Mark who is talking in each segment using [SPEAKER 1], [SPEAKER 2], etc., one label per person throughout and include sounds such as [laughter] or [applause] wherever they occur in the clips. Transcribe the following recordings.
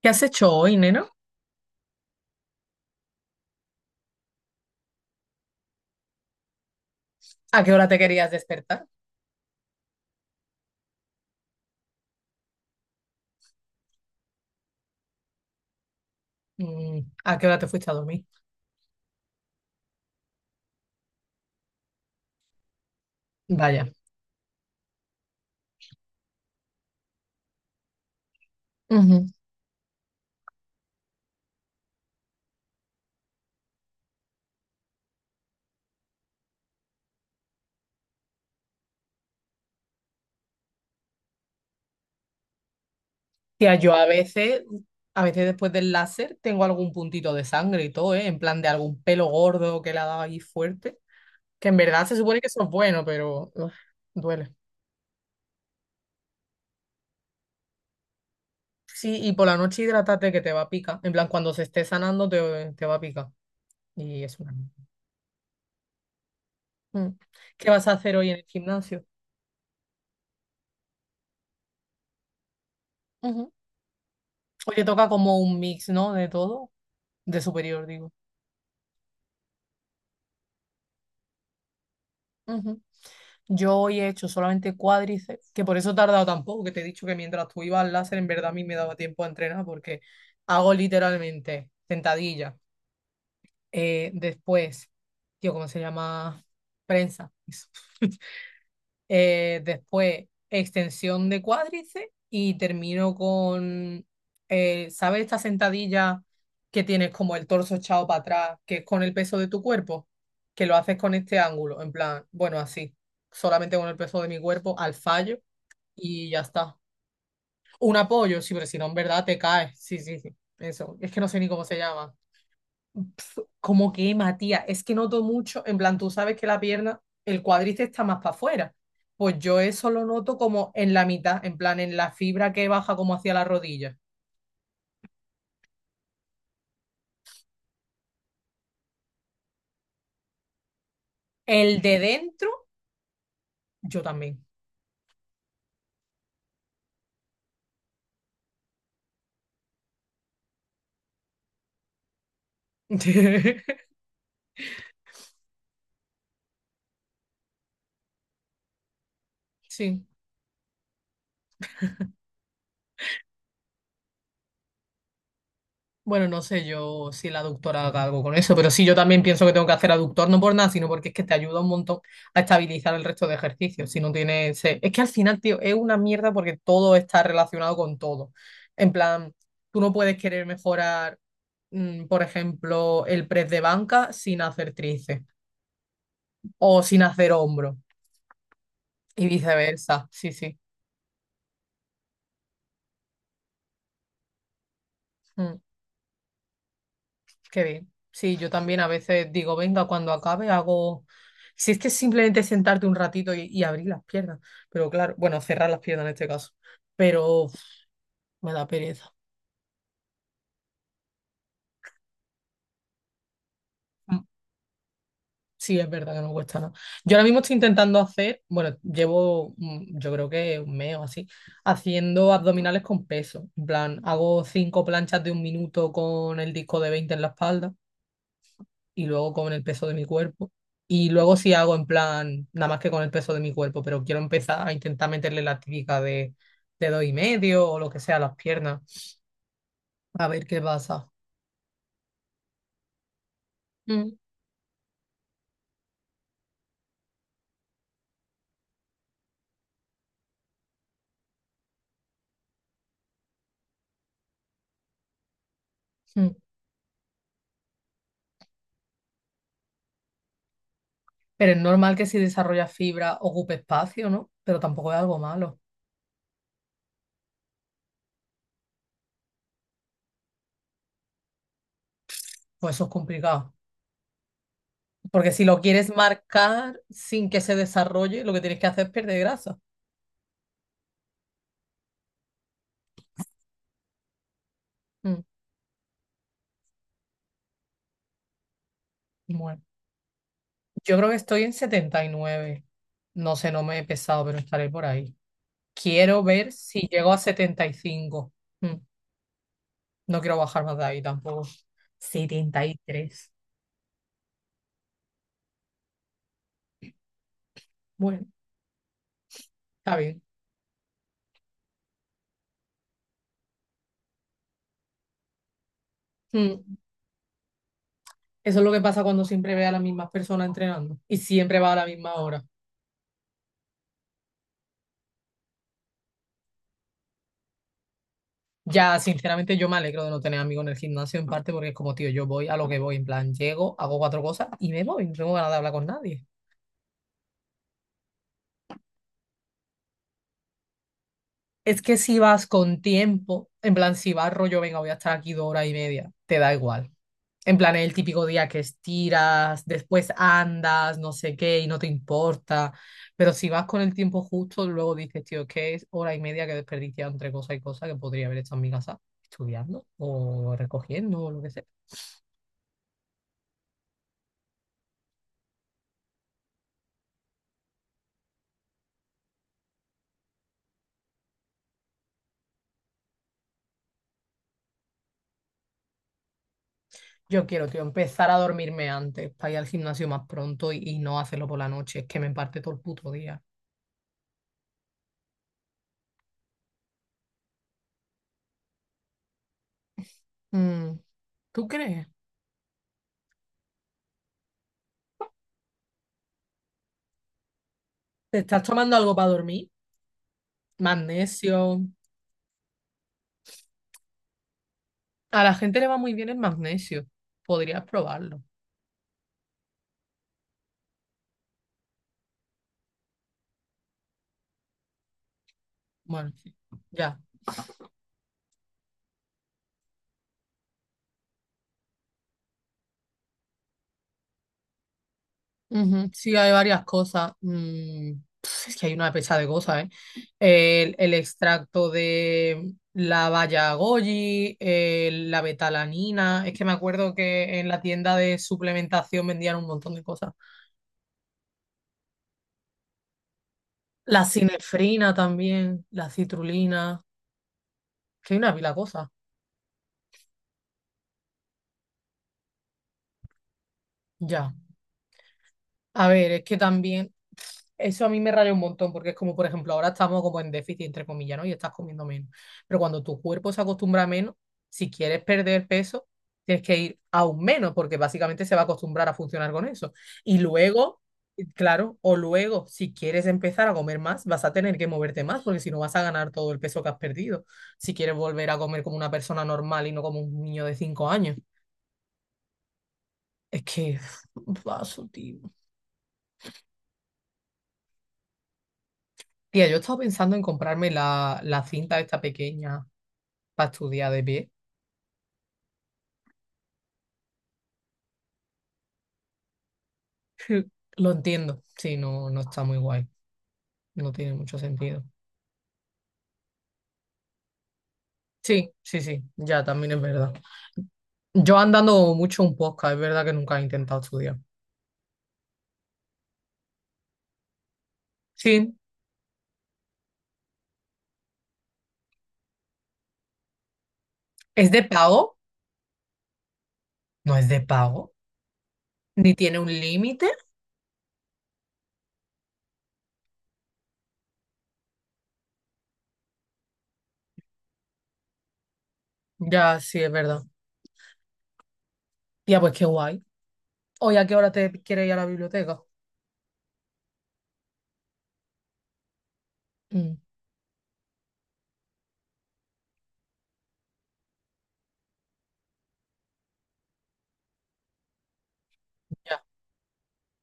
[SPEAKER 1] ¿Qué has hecho hoy, nena? ¿A qué hora te querías despertar? ¿A qué hora te fuiste a dormir? Vaya. Ujú. Tía, yo a veces después del láser tengo algún puntito de sangre y todo, ¿eh? En plan de algún pelo gordo que le ha dado ahí fuerte, que en verdad se supone que eso es bueno, pero uf, duele. Sí, y por la noche hidrátate que te va a picar. En plan, cuando se esté sanando te va a picar. Y es una mierda. Mm. ¿Qué vas a hacer hoy en el gimnasio? Ujú. Hoy te toca como un mix, ¿no? De todo. De superior, digo. Ujú. Yo hoy he hecho solamente cuádriceps, que por eso he tardado tampoco, que te he dicho que mientras tú ibas al láser, en verdad a mí me daba tiempo a entrenar, porque hago literalmente sentadilla. Después, tío, ¿cómo se llama? Prensa. Eso. Después, extensión de cuádriceps y termino con, ¿sabes esta sentadilla que tienes como el torso echado para atrás, que es con el peso de tu cuerpo? Que lo haces con este ángulo, en plan, bueno, así, solamente con el peso de mi cuerpo al fallo y ya está. Un apoyo, sí, pero si no, en verdad te caes. Sí, sí, sí. Eso. Es que no sé ni cómo se llama. Como que, Matías, es que noto mucho, en plan, tú sabes que la pierna, el cuádriceps está más para afuera. Pues yo eso lo noto como en la mitad, en plan, en la fibra que baja como hacia la rodilla. El de dentro, yo también. [laughs] Sí. Bueno, no sé yo si la aductora haga algo con eso, pero sí, yo también pienso que tengo que hacer aductor, no por nada, sino porque es que te ayuda un montón a estabilizar el resto de ejercicios. Si no tienes. Es que al final, tío, es una mierda porque todo está relacionado con todo. En plan, tú no puedes querer mejorar, por ejemplo, el press de banca sin hacer tríceps o sin hacer hombro y viceversa. Sí, sí. Mm. Qué bien. Sí, yo también a veces digo, venga, cuando acabe hago... Si es que es simplemente sentarte un ratito y abrir las piernas, pero claro, bueno, cerrar las piernas en este caso, pero uf, me da pereza. Mm, Sí, es verdad que no cuesta nada. Yo ahora mismo estoy intentando hacer, bueno, llevo yo creo que un mes o así, haciendo abdominales con peso. En plan, hago cinco planchas de un minuto con el disco de 20 en la espalda. Y luego con el peso de mi cuerpo. Y luego sí hago en plan, nada más que con el peso de mi cuerpo, pero quiero empezar a intentar meterle la típica de dos y medio o lo que sea a las piernas, a ver qué pasa. Mm. Mm. Pero es normal que si desarrollas fibra ocupe espacio, ¿no? Pero tampoco es algo malo, pues eso es complicado. Porque si lo quieres marcar sin que se desarrolle, lo que tienes que hacer es perder grasa. Mm. Bueno, yo creo que estoy en 79. No sé, no me he pesado, pero estaré por ahí. Quiero ver si llego a 75. Mm, No quiero bajar más de ahí tampoco. 73. Bueno, está bien. Mm, Eso es lo que pasa cuando siempre ve a las mismas personas entrenando y siempre va a la misma hora. Ya, sinceramente, yo me alegro de no tener amigos en el gimnasio en parte porque es como, tío, yo voy a lo que voy, en plan, llego, hago cuatro cosas y me voy, no tengo ganas de hablar con nadie. Es que si vas con tiempo, en plan, si vas rollo, venga, voy a estar aquí 2 horas y media, te da igual. En plan, es el típico día que estiras, después andas, no sé qué, y no te importa. Pero si vas con el tiempo justo, luego dices, tío, es que es hora y media que he desperdiciado entre cosas y cosas que podría haber estado en mi casa estudiando o recogiendo o lo que sea. Yo quiero, tío, empezar a dormirme antes para ir al gimnasio más pronto y no hacerlo por la noche. Es que me parte todo el puto día. Mm, ¿Tú crees? ¿Te estás tomando algo para dormir? Magnesio. A la gente le va muy bien el magnesio. Podrías probarlo. Bueno, sí. Ya. Ujú. Sí, hay varias cosas. Es que hay una pesa de cosas, ¿eh? El extracto de la baya goji, el- la betalanina. Es que me acuerdo que en la tienda de suplementación vendían un montón de cosas. La sinefrina también, la citrulina. Que hay una pila de cosas. Ya. A ver, es que también eso a mí me raya un montón, porque es como, por ejemplo, ahora estamos como en déficit, entre comillas, ¿no? Y estás comiendo menos. Pero cuando tu cuerpo se acostumbra a menos, si quieres perder peso, tienes que ir aún menos, porque básicamente se va a acostumbrar a funcionar con eso. Y luego, claro, o luego, si quieres empezar a comer más, vas a tener que moverte más, porque si no vas a ganar todo el peso que has perdido. Si quieres volver a comer como una persona normal y no como un niño de 5 años. Es que, [sighs] paso, tío. Tía, yo estaba pensando en comprarme la, la cinta esta pequeña para estudiar de pie. [laughs] Lo entiendo. Sí, no, no está muy guay. No tiene mucho sentido. Sí, sí, sí, ya también es verdad. Yo andando mucho un podcast, es verdad que nunca he intentado estudiar. Sí, ¿es de pago? No es de pago. ¿Ni tiene un límite? Ya, sí, es verdad. Tía, pues qué guay. ¿Hoy a qué hora te quieres ir a la biblioteca? Mm, ya.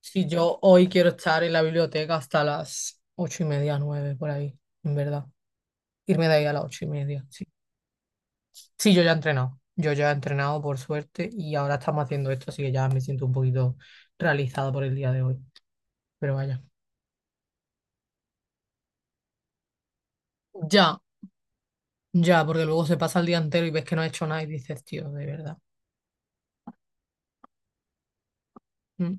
[SPEAKER 1] Si yo hoy quiero estar en la biblioteca hasta las 8:30, 9, por ahí, en verdad. Irme de ahí a las 8:30. Sí. Sí, yo ya he entrenado. Yo ya he entrenado, por suerte, y ahora estamos haciendo esto, así que ya me siento un poquito realizado por el día de hoy. Pero vaya. Ya, ya, porque luego se pasa el día entero y ves que no has hecho nada y dices, tío, de verdad. mm,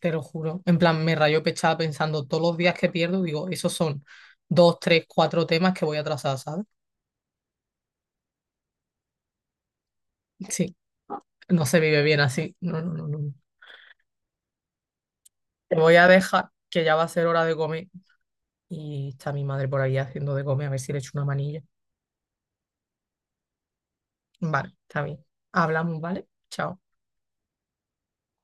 [SPEAKER 1] Te lo juro. En plan, me rayó pechada pensando todos los días que pierdo, digo, esos son dos, tres, cuatro temas que voy a trazar, ¿sabes? Sí, no se vive bien así. No, no, no, no. Te voy a dejar, que ya va a ser hora de comer. Y está mi madre por ahí haciendo de comer, a ver si le echo una manilla. Vale, está bien. Hablamos, ¿vale? Chao.